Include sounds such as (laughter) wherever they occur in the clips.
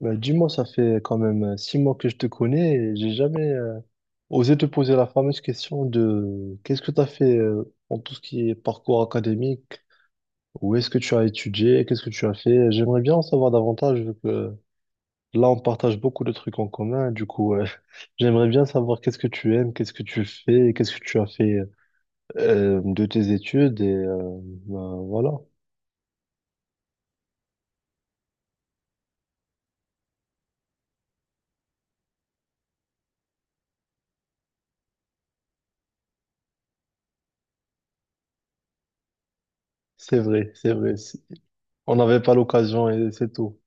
Bah, dis-moi, ça fait quand même 6 mois que je te connais et j'ai jamais osé te poser la fameuse question de qu'est-ce que tu as fait en tout ce qui est parcours académique, où est-ce que tu as étudié, qu'est-ce que tu as fait. J'aimerais bien en savoir davantage vu que là, on partage beaucoup de trucs en commun. Du coup, (laughs) j'aimerais bien savoir qu'est-ce que tu aimes, qu'est-ce que tu fais, qu'est-ce que tu as fait de tes études et bah, voilà. C'est vrai, c'est vrai. On n'avait pas l'occasion et c'est tout.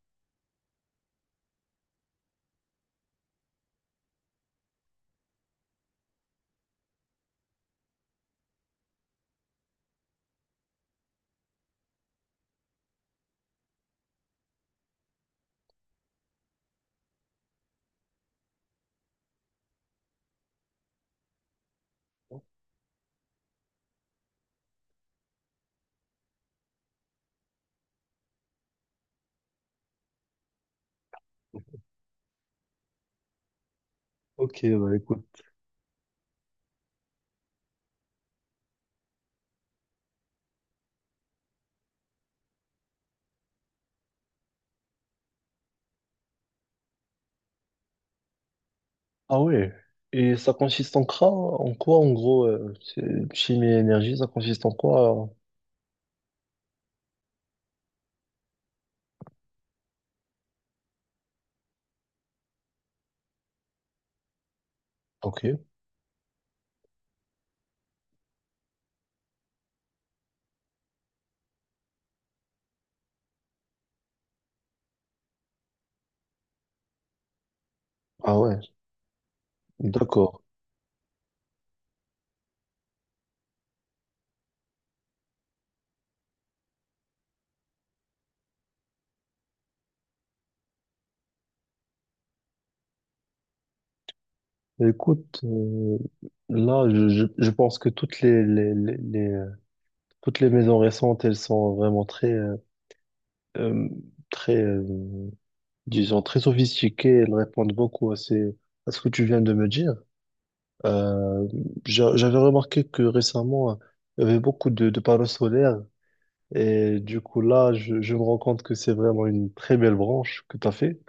Ok, bah écoute. Ah ouais. Et ça consiste en quoi, en quoi, en gros, chimie et énergie, ça consiste en quoi? Ok. Ah ouais, d'accord. Écoute, là, je pense que toutes les, toutes les maisons récentes, elles sont vraiment euh, très, euh, disons, très sophistiquées. Elles répondent beaucoup à à ce que tu viens de me dire. Euh, j'avais remarqué que récemment, il y avait beaucoup de panneaux solaires. Et du coup, là, je me rends compte que c'est vraiment une très belle branche que tu as fait.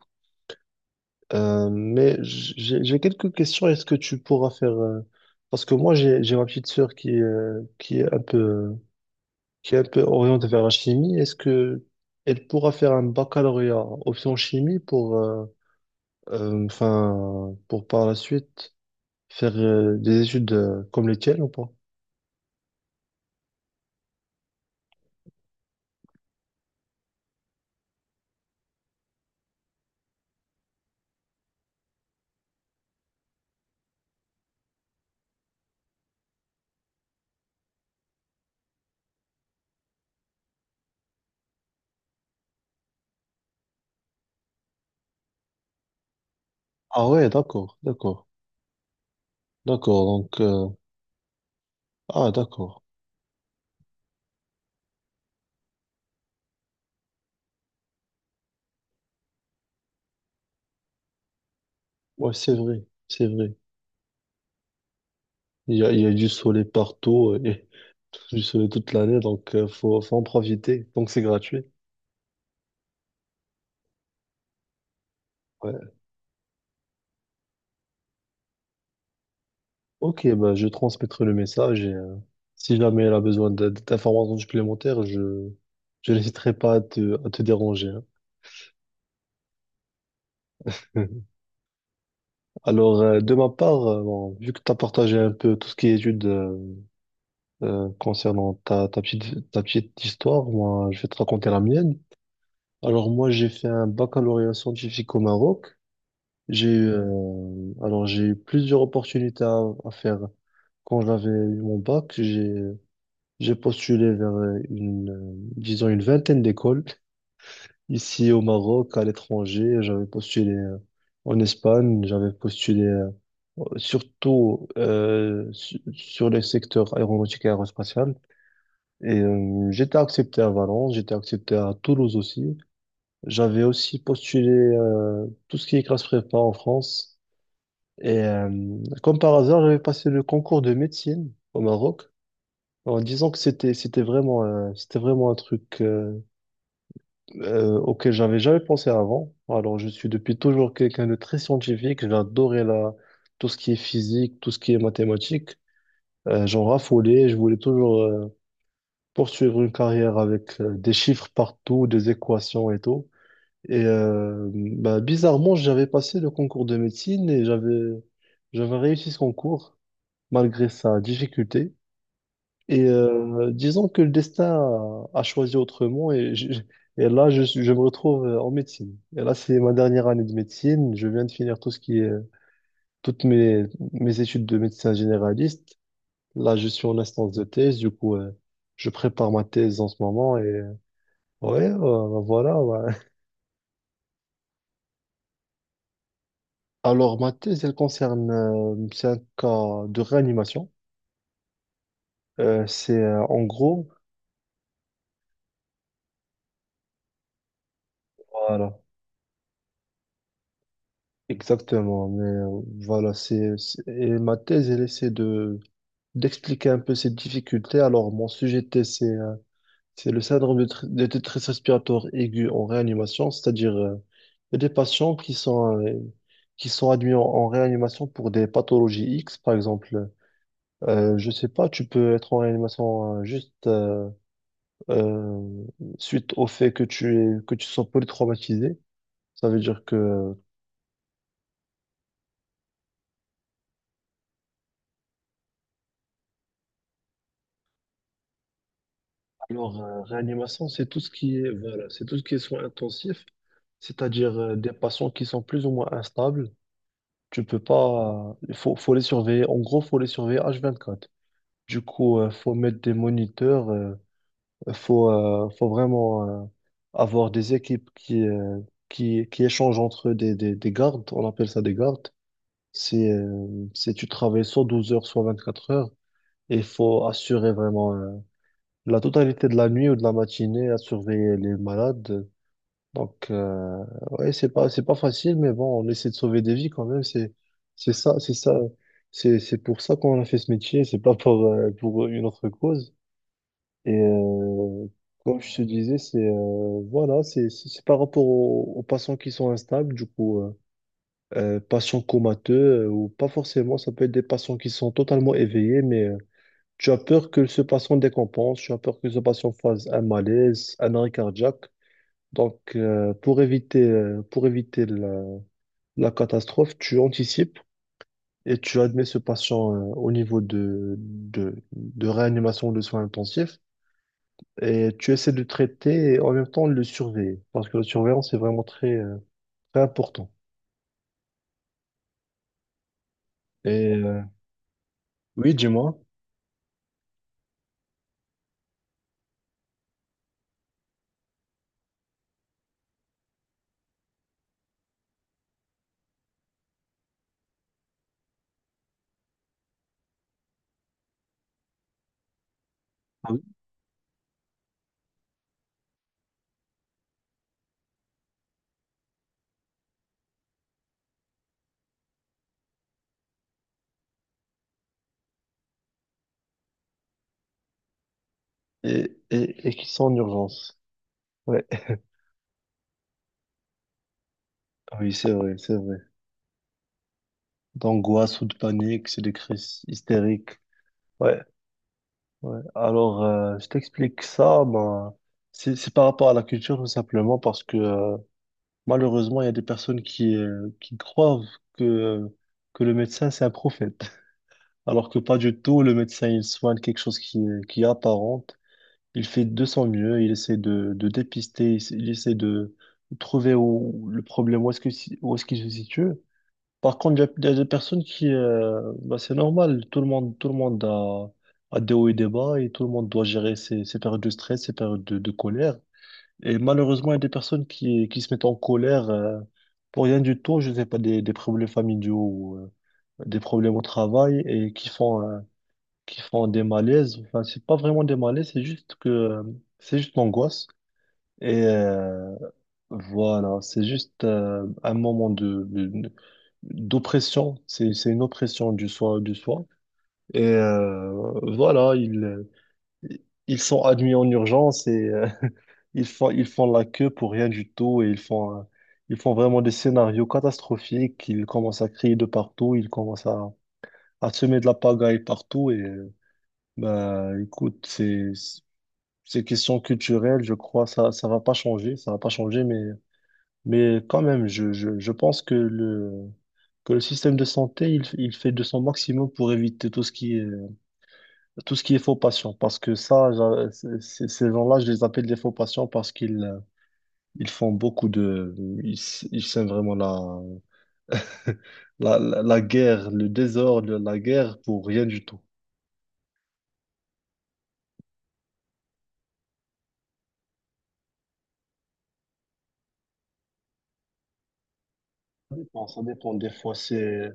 Mais j'ai quelques questions. Est-ce que tu pourras faire... Parce que moi, j'ai ma petite sœur qui est un peu, qui est un peu orientée vers la chimie. Est-ce que elle pourra faire un baccalauréat option chimie pour, enfin, pour par la suite faire des études comme les tiennes ou pas? Ah ouais, d'accord, d'accord, d'accord. Donc, ah d'accord. Ouais, c'est vrai, c'est vrai. Il y a du soleil partout et (laughs) du soleil toute l'année, donc faut en profiter. Donc c'est gratuit. Ouais. Ok, bah, je transmettrai le message et si jamais elle a besoin d'informations supplémentaires, je n'hésiterai pas à à te déranger. Hein. (laughs) Alors, de ma part, bon, vu que tu as partagé un peu tout ce qui est études concernant ta petite histoire, moi, je vais te raconter la mienne. Alors, moi, j'ai fait un baccalauréat scientifique au Maroc. J'ai eu, alors, j'ai eu plusieurs opportunités à faire quand j'avais eu mon bac. J'ai postulé vers disons une vingtaine d'écoles ici au Maroc, à l'étranger. J'avais postulé en Espagne, j'avais postulé surtout sur les secteurs aéronautique et aérospatial. Et j'étais accepté à Valence, j'étais accepté à Toulouse aussi. J'avais aussi postulé tout ce qui est classe prépa en France. Et comme par hasard, j'avais passé le concours de médecine au Maroc. En disant que c'était vraiment un truc auquel j'avais jamais pensé avant. Alors je suis depuis toujours quelqu'un de très scientifique. J'ai adoré la tout ce qui est physique, tout ce qui est mathématiques. J'en raffolais. Je voulais toujours poursuivre une carrière avec des chiffres partout, des équations et tout. Et bah, bizarrement, j'avais passé le concours de médecine et j'avais réussi ce concours malgré sa difficulté. Et disons que le destin a choisi autrement et là, je me retrouve en médecine. Et là, c'est ma dernière année de médecine. Je viens de finir tout ce qui est, toutes mes, mes études de médecin généraliste. Là, je suis en instance de thèse. Du coup, je prépare ma thèse en ce moment. Et ouais, voilà. Ouais. Alors, ma thèse, elle concerne, c'est un cas de réanimation. C'est en gros, voilà. Exactement, mais voilà, c'est, et ma thèse, elle essaie de, d'expliquer un peu cette difficulté. Alors, mon sujet de thèse, c'est le syndrome de, de détresse respiratoire aiguë en réanimation, c'est-à-dire il y a des patients qui sont admis en, en réanimation pour des pathologies X, par exemple. Je sais pas, tu peux être en réanimation juste euh, suite au fait que que tu sois polytraumatisé. Ça veut dire que. Alors réanimation, c'est tout ce qui est voilà, c'est tout ce qui est soins intensifs, c'est-à-dire des patients qui sont plus ou moins instables. Tu peux pas. Il faut, faut les surveiller. En gros, faut les surveiller H24. Du coup, faut mettre des moniteurs. Faut vraiment avoir des équipes qui échangent entre eux des gardes. On appelle ça des gardes. C'est tu travailles soit 12 heures, soit 24 heures. Et il faut assurer vraiment la totalité de la nuit ou de la matinée à surveiller les malades. Donc, ouais, c'est pas facile, mais bon, on essaie de sauver des vies quand même. C'est ça, c'est ça, c'est pour ça qu'on a fait ce métier. C'est pas pour, pour une autre cause. Et comme je te disais, c'est voilà, c'est, c'est par rapport aux, aux patients qui sont instables, du coup, patients comateux ou pas forcément. Ça peut être des patients qui sont totalement éveillés, mais tu as peur que ce patient décompense, tu as peur que ce patient fasse un malaise, un arrêt cardiaque. Donc, pour éviter la, la catastrophe, tu anticipes et tu admets ce patient, au niveau de réanimation ou de soins intensifs et tu essaies de le traiter et en même temps de le surveiller parce que la surveillance est vraiment très, très important. Et oui, dis-moi. Ah oui. Et qui sont en urgence. Ouais. Ah oui, c'est vrai, c'est vrai. D'angoisse ou de panique, c'est des crises hystériques. Ouais. Ouais. Alors, je t'explique ça. Ben, c'est par rapport à la culture, tout simplement, parce que malheureusement, il y a des personnes qui croient que, que le médecin, c'est un prophète. (laughs) Alors que pas du tout, le médecin, il soigne quelque chose qui est apparente. Il fait de son mieux, il essaie de dépister, il, il essaie de trouver où, le problème, où est-ce que, où est-ce qu'il se situe. Par contre, il y a des personnes qui, bah, c'est normal, tout le monde a des hauts et des bas et tout le monde doit gérer ses, ses périodes de stress, ses périodes de colère. Et malheureusement, il y a des personnes qui se mettent en colère pour rien du tout, je ne sais pas, des problèmes familiaux ou des problèmes au travail et qui font des malaises. Enfin, c'est pas vraiment des malaises, c'est juste que c'est juste l'angoisse. Et, voilà, c'est juste un moment de, d'oppression, c'est une oppression du soi, du soi. Et voilà, ils, ils sont admis en urgence et (laughs) ils font la queue pour rien du tout et ils font vraiment des scénarios catastrophiques. Ils commencent à crier de partout, ils commencent à semer de la pagaille partout. Et bah, écoute, c'est question culturelle, je crois, ça va pas changer, ça va pas changer, mais. Mais quand même, je pense que le système de santé, il fait de son maximum pour éviter tout ce qui est, tout ce qui est faux patient. Parce que ça, ces gens-là, je les appelle des faux patients parce qu'ils ils font beaucoup de... Ils, ils sèment vraiment la, (laughs) la guerre, le désordre, la guerre pour rien du tout. Bon, ça dépend.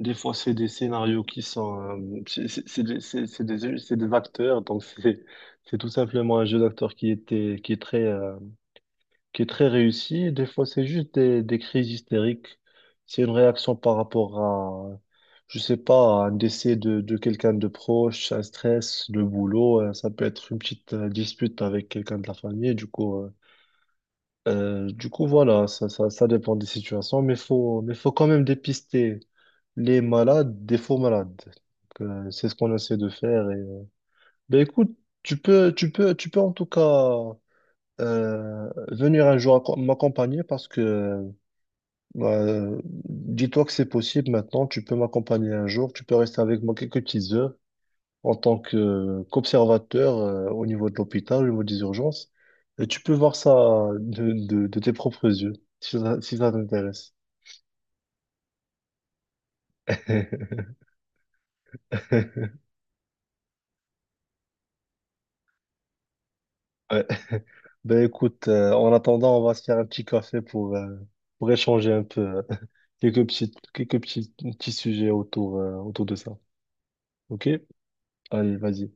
Des fois, c'est des scénarios qui sont... c'est des acteurs, donc c'est tout simplement un jeu d'acteur qui est très réussi. Des fois, c'est juste des crises hystériques. C'est une réaction par rapport à, je sais pas, à un décès de quelqu'un de proche, un stress, le boulot. Ça peut être une petite dispute avec quelqu'un de la famille. Du coup, voilà, ça dépend des situations, mais faut quand même dépister les malades des faux malades. Donc, c'est ce qu'on essaie de faire. Et, ben écoute, tu peux, tu peux, tu peux en tout cas venir un jour m'accompagner parce que dis-toi que c'est possible maintenant. Tu peux m'accompagner un jour. Tu peux rester avec moi quelques petites heures en tant que qu'observateur au niveau de l'hôpital, au niveau des urgences. Et tu peux voir ça de tes propres yeux si ça, si ça t'intéresse. (laughs) Ouais. Ben écoute, en attendant, on va se faire un petit café pour échanger un peu (laughs) quelques petits, petits sujets autour, autour de ça. Ok? Allez, vas-y.